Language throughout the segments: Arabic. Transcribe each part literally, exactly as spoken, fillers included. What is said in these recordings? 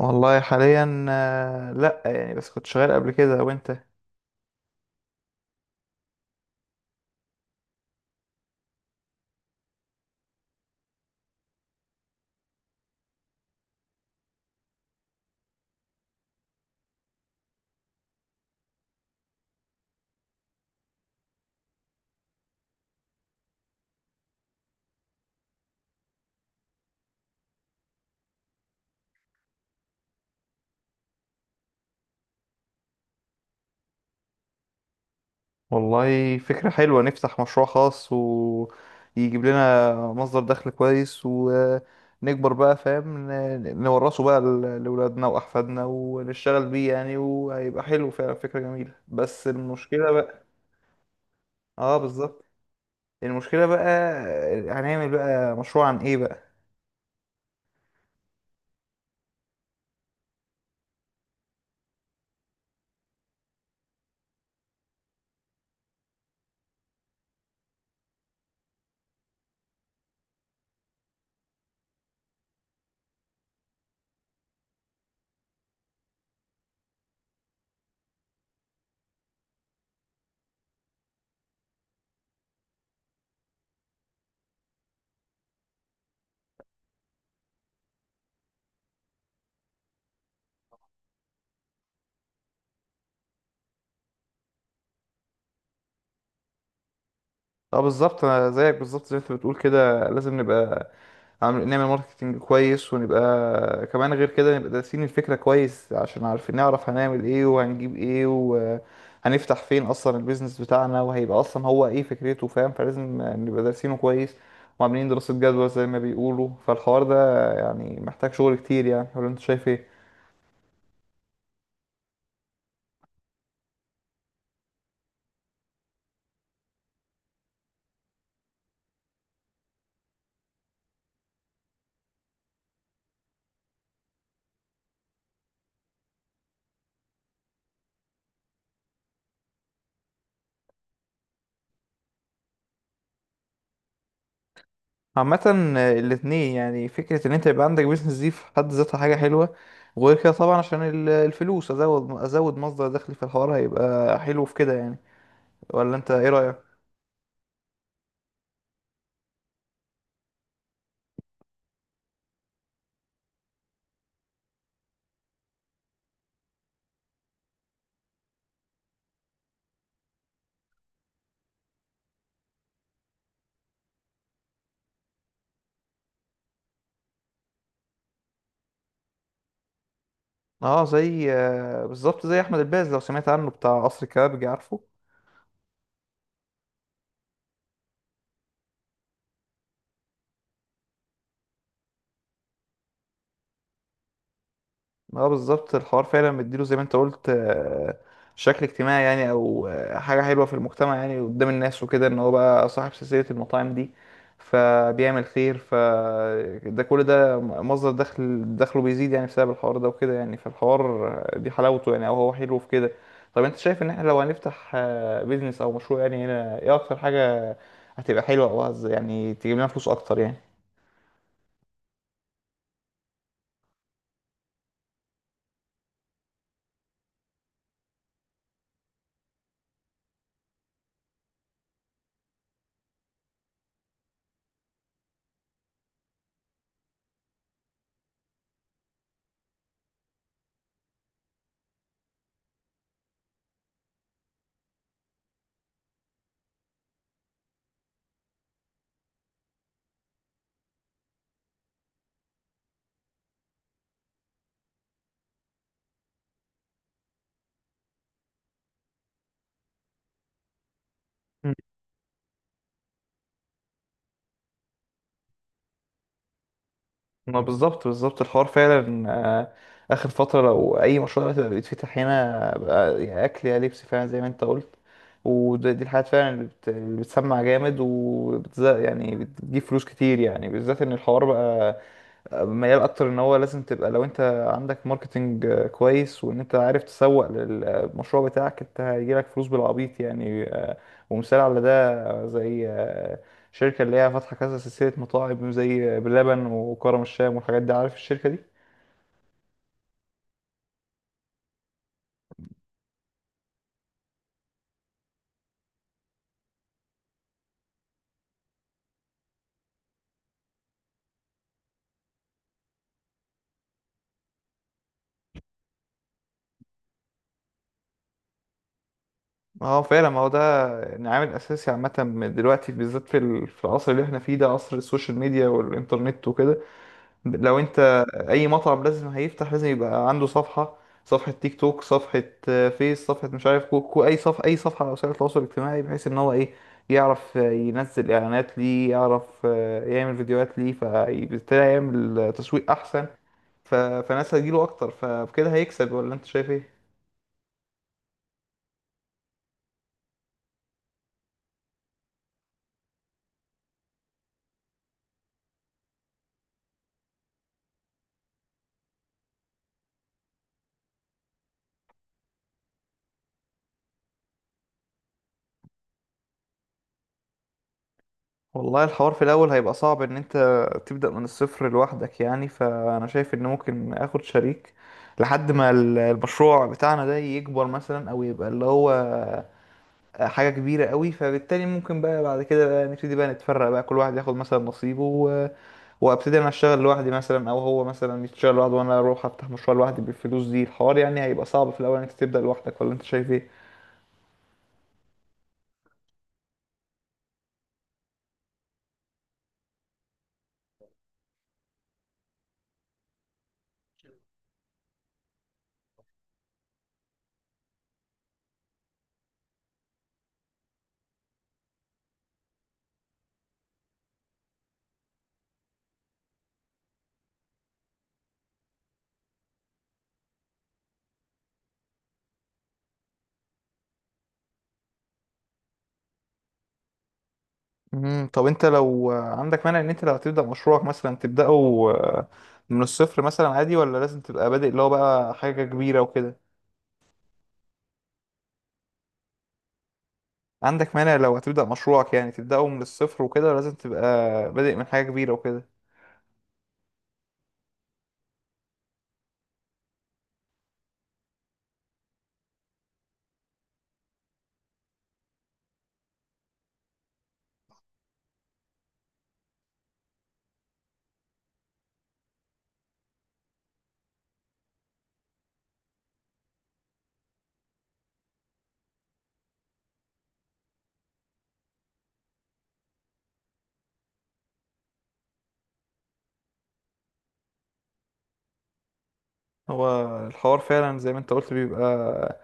والله حاليا آه، لا يعني بس كنت شغال قبل كده وانت. والله فكرة حلوة، نفتح مشروع خاص ويجيب لنا مصدر دخل كويس ونكبر بقى، فاهم، ن- نورثه بقى ل- لأولادنا وأحفادنا ونشتغل بيه يعني، وهيبقى حلو فعلا، فكرة جميلة، بس المشكلة بقى. اه بالظبط. المشكلة بقى آه، هنعمل بقى مشروع عن ايه بقى؟ اه بالظبط، انا زيك بالظبط زي ما انت بتقول كده، لازم نبقى عامل نعمل ماركتنج كويس، ونبقى كمان غير كده نبقى دارسين الفكرة كويس عشان عارفين نعرف هنعمل ايه وهنجيب ايه وهنفتح فين اصلا البيزنس بتاعنا، وهيبقى اصلا هو ايه فكرته، فاهم، فلازم نبقى دارسينه كويس وعاملين دراسة جدوى زي ما بيقولوا، فالحوار ده يعني محتاج شغل كتير يعني، ولا انت شايف ايه؟ عامة آه، الاتنين، يعني فكرة ان انت يبقى عندك بيزنس دي في حد ذاتها حاجة حلوة، وغير كده طبعا عشان ال- الفلوس، ازود ازود مصدر دخل في الحوار، هيبقى حلو في كده يعني، ولا انت ايه رأيك؟ اه زي آه، بالظبط زي احمد الباز، لو سمعت عنه، بتاع قصر الكبابجي، عارفه. اه بالظبط، الحوار فعلا مديله زي ما انت قلت، آه، شكل اجتماعي يعني، او آه، حاجة حلوة في المجتمع يعني قدام الناس وكده، ان هو بقى صاحب سلسلة المطاعم دي فبيعمل خير، فده كل ده مصدر دخل، دخله بيزيد يعني بسبب الحوار ده وكده يعني، فالحوار آه، دي حلاوته يعني، او هو حلو في كده. طب انت شايف ان احنا لو هنفتح بيزنس او مشروع يعني، هنا ايه اكتر حاجة هتبقى حلوة او هز- يعني تجيب لنا فلوس اكتر يعني؟ ما بالظبط بالظبط، الحوار فعلا آه، اخر فتره لو اي مشروع دلوقتي بقى بيتفتح هنا بقى، يا اكل يا لبس، فعلا زي ما انت قلت. ودي دي الحاجات فعلا اللي بت- اللي بتسمع جامد، وبتز يعني بتجيب فلوس كتير يعني، بالذات ان الحوار بقى ميال اكتر، ان هو لازم تبقى لو انت عندك ماركتنج آه، كويس، وان انت عارف تسوق للمشروع بتاعك، انت هيجيلك فلوس بالعبيط يعني. آه، ومثال على ده آه، زي آه، شركة اللي هي فاتحة كذا سلسلة مطاعم زي بلبن وكرم الشام والحاجات دي، عارف الشركة دي؟ اه فعلا، ما هو ده يعني عامل اساسي. عامة دلوقتي بالذات في ال- في العصر اللي احنا فيه ده، عصر السوشيال ميديا والانترنت وكده، لو انت اي مطعم لازم هيفتح لازم يبقى عنده صفحة، صفحة تيك توك، صفحة آه، فيس، صفحة مش عارف كوكو، اي صفحة، اي صفحة على وسائل التواصل الاجتماعي، بحيث ان هو ايه يعرف آه، ينزل اعلانات ليه، يعرف آه، يعمل فيديوهات ليه، فبالتالي يعمل تسويق احسن ف... فناس هتجيله اكتر، فبكده هيكسب، ولا انت شايف ايه؟ والله الحوار في الاول هيبقى صعب، ان انت تبدأ من الصفر لوحدك يعني، فانا شايف ان ممكن اخد شريك لحد ما ال- المشروع بتاعنا ده يكبر مثلا، او يبقى اللي هو حاجة كبيرة قوي، فبالتالي ممكن بقى بعد كده بقى نبتدي بقى نتفرق بقى، كل واحد ياخد مثلا نصيبه و... وابتدي انا اشتغل لوحدي مثلا، او هو مثلا يشتغل لوحده وانا اروح افتح مشروع لوحدي بالفلوس دي. الحوار يعني هيبقى صعب في الاول انك تبدأ لوحدك، ولا انت شايف ايه؟ مم. طب انت لو عندك مانع ان انت لو هتبدأ مشروعك مثلا تبدأه آه، من الصفر مثلا عادي، ولا لازم تبقى بادئ اللي هو بقى حاجة كبيرة وكده؟ عندك مانع لو هتبدأ مشروعك يعني تبدأه من الصفر وكده، ولا لازم تبقى بادئ من حاجة كبيرة وكده؟ هو الحوار فعلا زي ما انت قلت بيبقى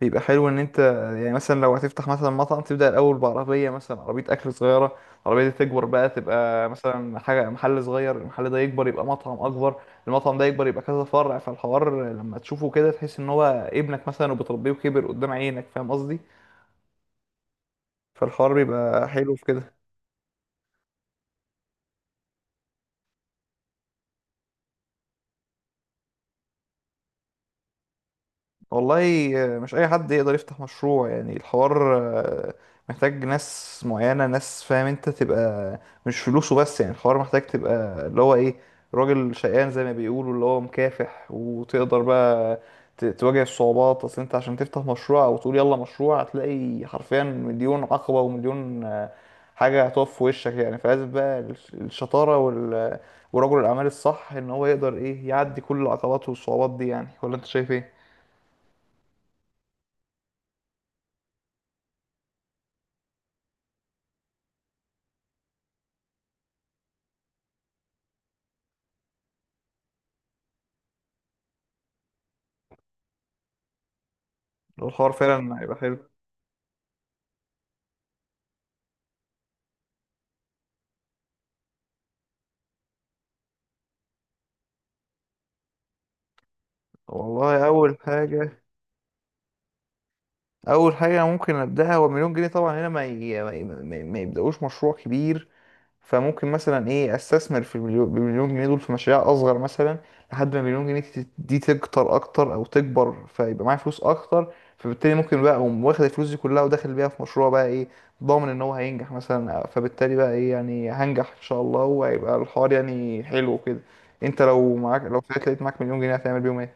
بيبقى حلو ان انت يعني مثلا لو هتفتح مثلا مطعم، تبدأ الاول بعربية مثلا، عربية اكل صغيرة، العربية دي تكبر بقى تبقى مثلا حاجة محل صغير، المحل ده يكبر يبقى مطعم اكبر، المطعم ده يكبر يبقى كذا فرع، فالحوار لما تشوفه كده تحس ان هو ابنك مثلا وبتربيه وكبر قدام عينك، فاهم قصدي، فالحوار بيبقى حلو في كده. والله آه، مش اي حد يقدر يفتح مشروع يعني، الحوار آه، محتاج ناس معينة، ناس فاهم انت، تبقى مش فلوسه بس يعني، الحوار محتاج تبقى اللي هو ايه، راجل شقيان زي ما بيقولوا، اللي هو مكافح وتقدر بقى ت- تواجه الصعوبات. اصل انت عشان تفتح مشروع او تقول يلا مشروع، هتلاقي حرفيا مليون عقبة ومليون آه، حاجة هتقف في وشك يعني، فلازم بقى الش- الشطارة وال ورجل الأعمال الصح، إن هو يقدر إيه يعدي كل العقبات والصعوبات دي يعني، ولا أنت شايف إيه؟ لو الحوار فعلا هيبقى حلو. والله اول حاجه، اول حاجه ممكن ابداها، هو مليون جنيه طبعا هنا ما ي... ما, ي... ما ي- ما يبداوش مشروع كبير، فممكن مثلا ايه استثمر في المليون بالمليون جنيه دول في مشاريع اصغر مثلا، لحد ما المليون جنيه تت- دي تكتر اكتر او تكبر، فيبقى معايا فلوس اكتر، فبالتالي ممكن بقى اقوم واخد الفلوس دي كلها وداخل بيها في مشروع بقى ايه ضامن ان هو هينجح مثلا، فبالتالي بقى ايه يعني هنجح ان شاء الله، وهيبقى الحوار يعني حلو كده. انت لو معاك لو طلعت لقيت معاك مليون جنيه هتعمل بيهم ايه؟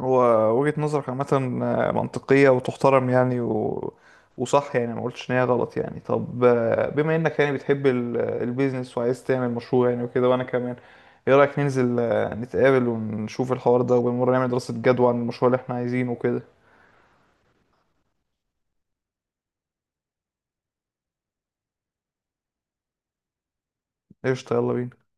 هو وجهة نظرك عامة منطقية وتحترم يعني و... وصح يعني، ما قلتش ان هي غلط يعني. طب آه، بما انك يعني بتحب ال- البيزنس وعايز تعمل مشروع يعني وكده، وانا كمان، ايه رأيك ننزل آه، نتقابل ونشوف الحوار ده، وبالمرة نعمل دراسة جدوى عن المشروع اللي احنا عايزينه وكده؟ قشطة، يلا بينا.